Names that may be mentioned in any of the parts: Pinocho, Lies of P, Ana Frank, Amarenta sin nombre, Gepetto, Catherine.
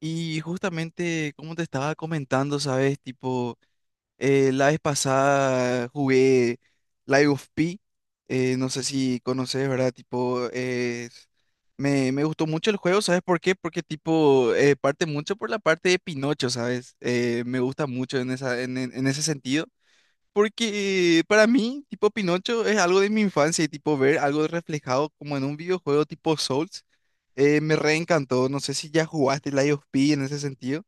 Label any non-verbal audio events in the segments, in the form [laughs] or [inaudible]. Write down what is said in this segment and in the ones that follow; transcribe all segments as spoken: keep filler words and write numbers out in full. Y justamente, como te estaba comentando, ¿sabes? Tipo, eh, la vez pasada jugué Live of P, eh, no sé si conoces, ¿verdad? Tipo, eh, me, me gustó mucho el juego, ¿sabes por qué? Porque, tipo, eh, parte mucho por la parte de Pinocho, ¿sabes? Eh, me gusta mucho en esa, en, en- en ese sentido. Porque para mí, tipo, Pinocho es algo de mi infancia y, tipo, ver algo reflejado como en un videojuego tipo Souls eh, me reencantó. No sé si ya jugaste Lies of P en ese sentido.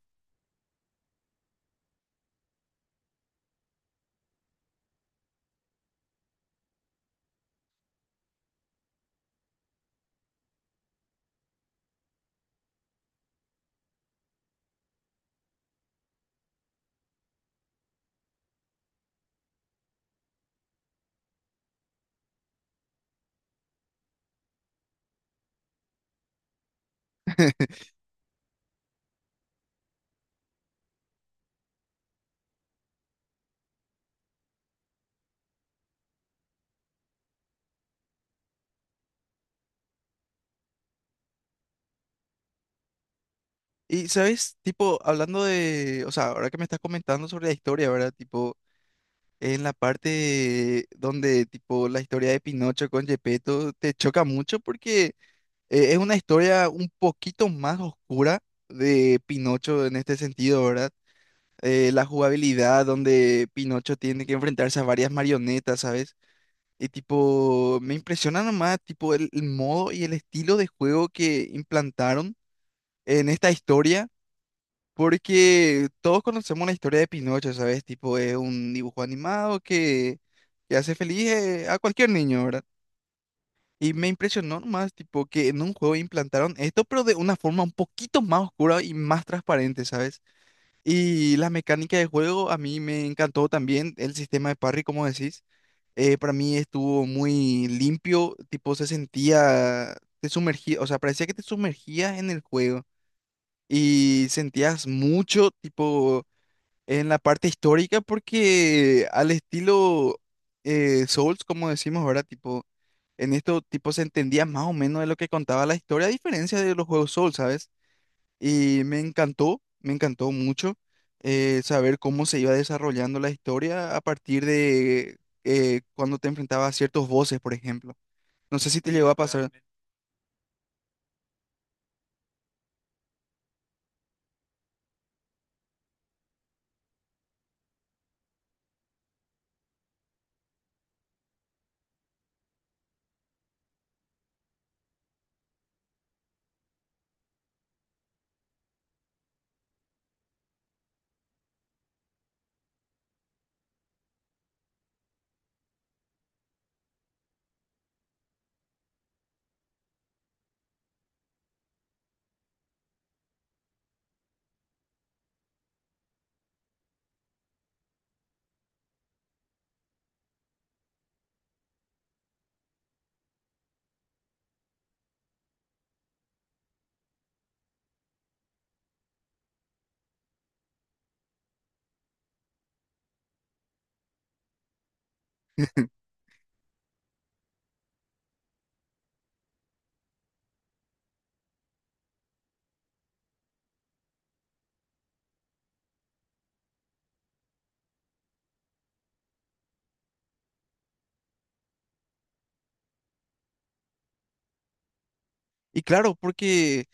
Y, ¿sabes? Tipo, hablando de, o sea, ahora que me estás comentando sobre la historia, ¿verdad? Tipo, en la parte donde, tipo, la historia de Pinocho con Gepetto te choca mucho porque eh, es una historia un poquito más oscura de Pinocho en este sentido, ¿verdad? Eh, la jugabilidad donde Pinocho tiene que enfrentarse a varias marionetas, ¿sabes? Y tipo, me impresiona nomás, tipo, el el modo y el estilo de juego que implantaron en esta historia. Porque todos conocemos la historia de Pinocho, ¿sabes? Tipo, es un dibujo animado que, que hace feliz eh, a cualquier niño, ¿verdad? Y me impresionó nomás, tipo, que en un juego implantaron esto, pero de una forma un poquito más oscura y más transparente, ¿sabes? Y la mecánica de juego a mí me encantó también, el sistema de parry, como decís, eh, para mí estuvo muy limpio, tipo, se sentía, te sumergía, o sea, parecía que te sumergías en el juego y sentías mucho, tipo, en la parte histórica porque al estilo eh, Souls, como decimos, ¿verdad? Tipo, en esto tipo se entendía más o menos de lo que contaba la historia, a diferencia de los juegos Souls, ¿sabes? Y me encantó, me encantó mucho eh, saber cómo se iba desarrollando la historia a partir de eh, cuando te enfrentabas a ciertos voces por ejemplo. No sé si te llegó a pasar. Totalmente. [laughs] Y claro, porque,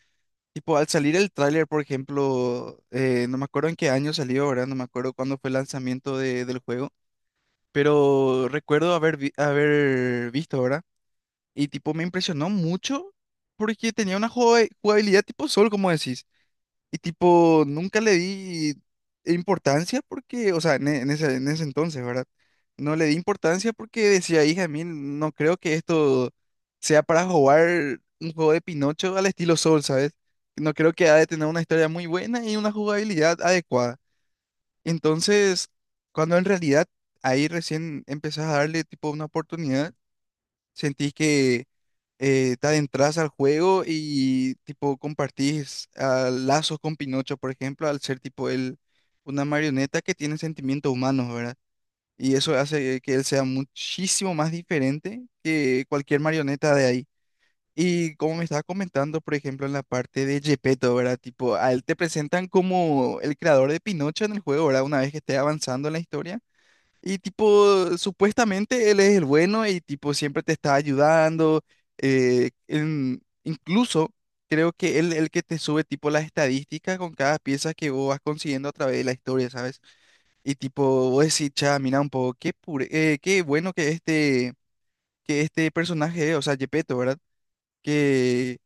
tipo, al salir el tráiler, por ejemplo, eh, no me acuerdo en qué año salió, ¿verdad? No me acuerdo cuándo fue el lanzamiento de- del juego, pero recuerdo haber, vi- haber visto, ¿verdad? Y tipo, me impresionó mucho porque tenía una jue- jugabilidad tipo Sol, como decís. Y tipo, nunca le di importancia porque, o sea, en, e- en ese, en ese entonces, ¿verdad? No le di importancia porque decía, hija, mí no creo que esto sea para jugar un juego de Pinocho al estilo Soul, ¿sabes? No creo que ha de tener una historia muy buena y una jugabilidad adecuada. Entonces, cuando en realidad ahí recién empezás a darle tipo una oportunidad. Sentís que eh, te adentras al juego y tipo compartís ah, lazos con Pinocho, por ejemplo, al ser tipo él una marioneta que tiene sentimientos humanos, ¿verdad? Y eso hace que él sea muchísimo más diferente que cualquier marioneta de ahí. Y como me estaba comentando, por ejemplo, en la parte de Gepetto, ¿verdad? Tipo, a él te presentan como el creador de Pinocho en el juego, ¿verdad? Una vez que esté avanzando en la historia. Y tipo, supuestamente él es el bueno y tipo siempre te está ayudando. eh, en- incluso creo que él el que te sube tipo las estadísticas con cada pieza que vos vas consiguiendo a través de la historia, ¿sabes? Y tipo, vos decís, cha, mira un poco, qué pure- eh, qué bueno que este, que este personaje, es, o sea, Gepetto, ¿verdad? Qué,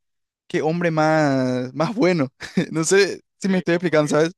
qué hombre más, más bueno. [laughs] No sé si me. Sí, estoy explicando, sí. ¿Sabes?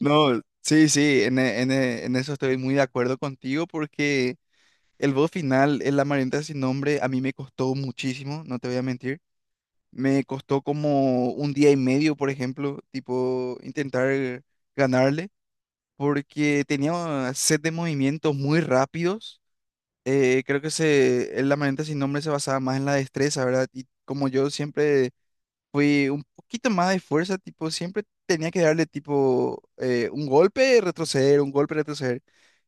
No, sí, sí, en, e- en e- en eso estoy muy de acuerdo contigo porque... el boss final, el Amarenta sin nombre, a mí me costó muchísimo, no te voy a mentir. Me costó como un día y medio, por ejemplo, tipo intentar ganarle, porque tenía set de movimientos muy rápidos. Eh, creo que se, el Amarenta sin nombre se basaba más en la destreza, ¿verdad? Y como yo siempre eh, un poquito más de fuerza, tipo, siempre tenía que darle tipo eh, un golpe, retroceder, un golpe, retroceder.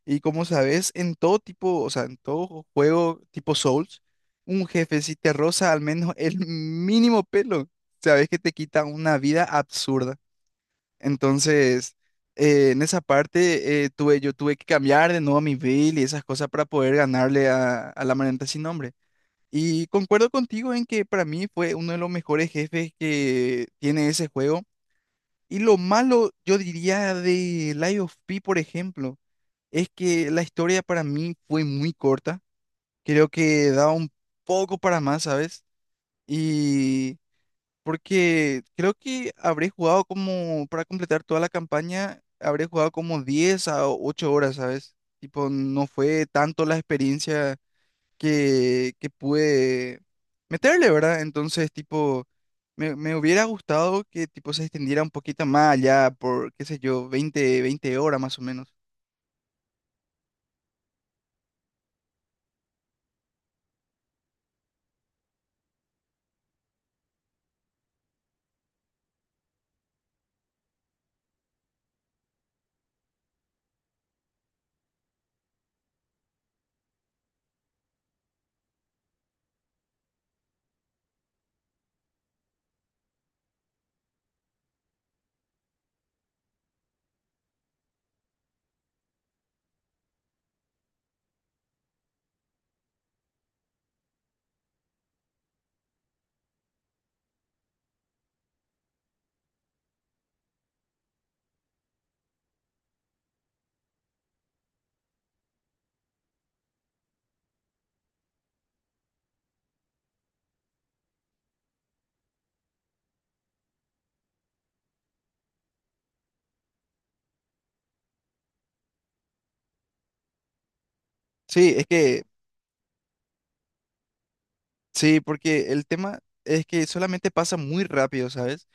Y como sabes, en todo tipo, o sea, en todo juego tipo Souls, un jefe si te roza al menos [laughs] el mínimo pelo, sabes que te quita una vida absurda. Entonces, eh, en esa parte eh, tuve, yo tuve que cambiar de nuevo a mi build y esas cosas para poder ganarle a, a la manenta sin nombre. Y concuerdo contigo en que para mí fue uno de los mejores jefes que tiene ese juego. Y lo malo, yo diría, de Lies of P, por ejemplo, es que la historia para mí fue muy corta. Creo que daba un poco para más, ¿sabes? Y porque creo que habré jugado como, para completar toda la campaña, habré jugado como diez a ocho horas, ¿sabes? Tipo, no fue tanto la experiencia que, que pude meterle, ¿verdad? Entonces, tipo, me, me hubiera gustado que, tipo, se extendiera un poquito más allá por, qué sé yo, Veinte veinte horas más o menos. Sí, es que, sí, porque el tema es que solamente pasa muy rápido, ¿sabes?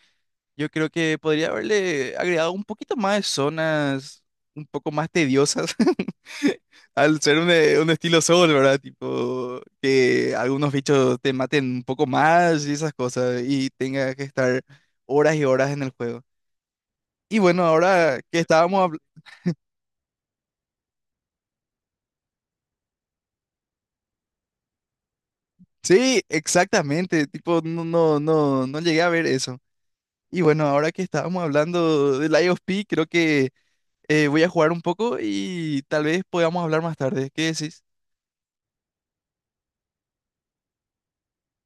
Yo creo que podría haberle agregado un poquito más de zonas un poco más tediosas [laughs] al ser un, eh, un estilo Soul, ¿verdad? Tipo, que algunos bichos te maten un poco más y esas cosas y tengas que estar horas y horas en el juego. Y bueno, ahora que estábamos hablando... Sí, exactamente, tipo, no, no, no, no llegué a ver eso. Y bueno, ahora que estábamos hablando del I O P, creo que eh, voy a jugar un poco y tal vez podamos hablar más tarde. ¿Qué decís?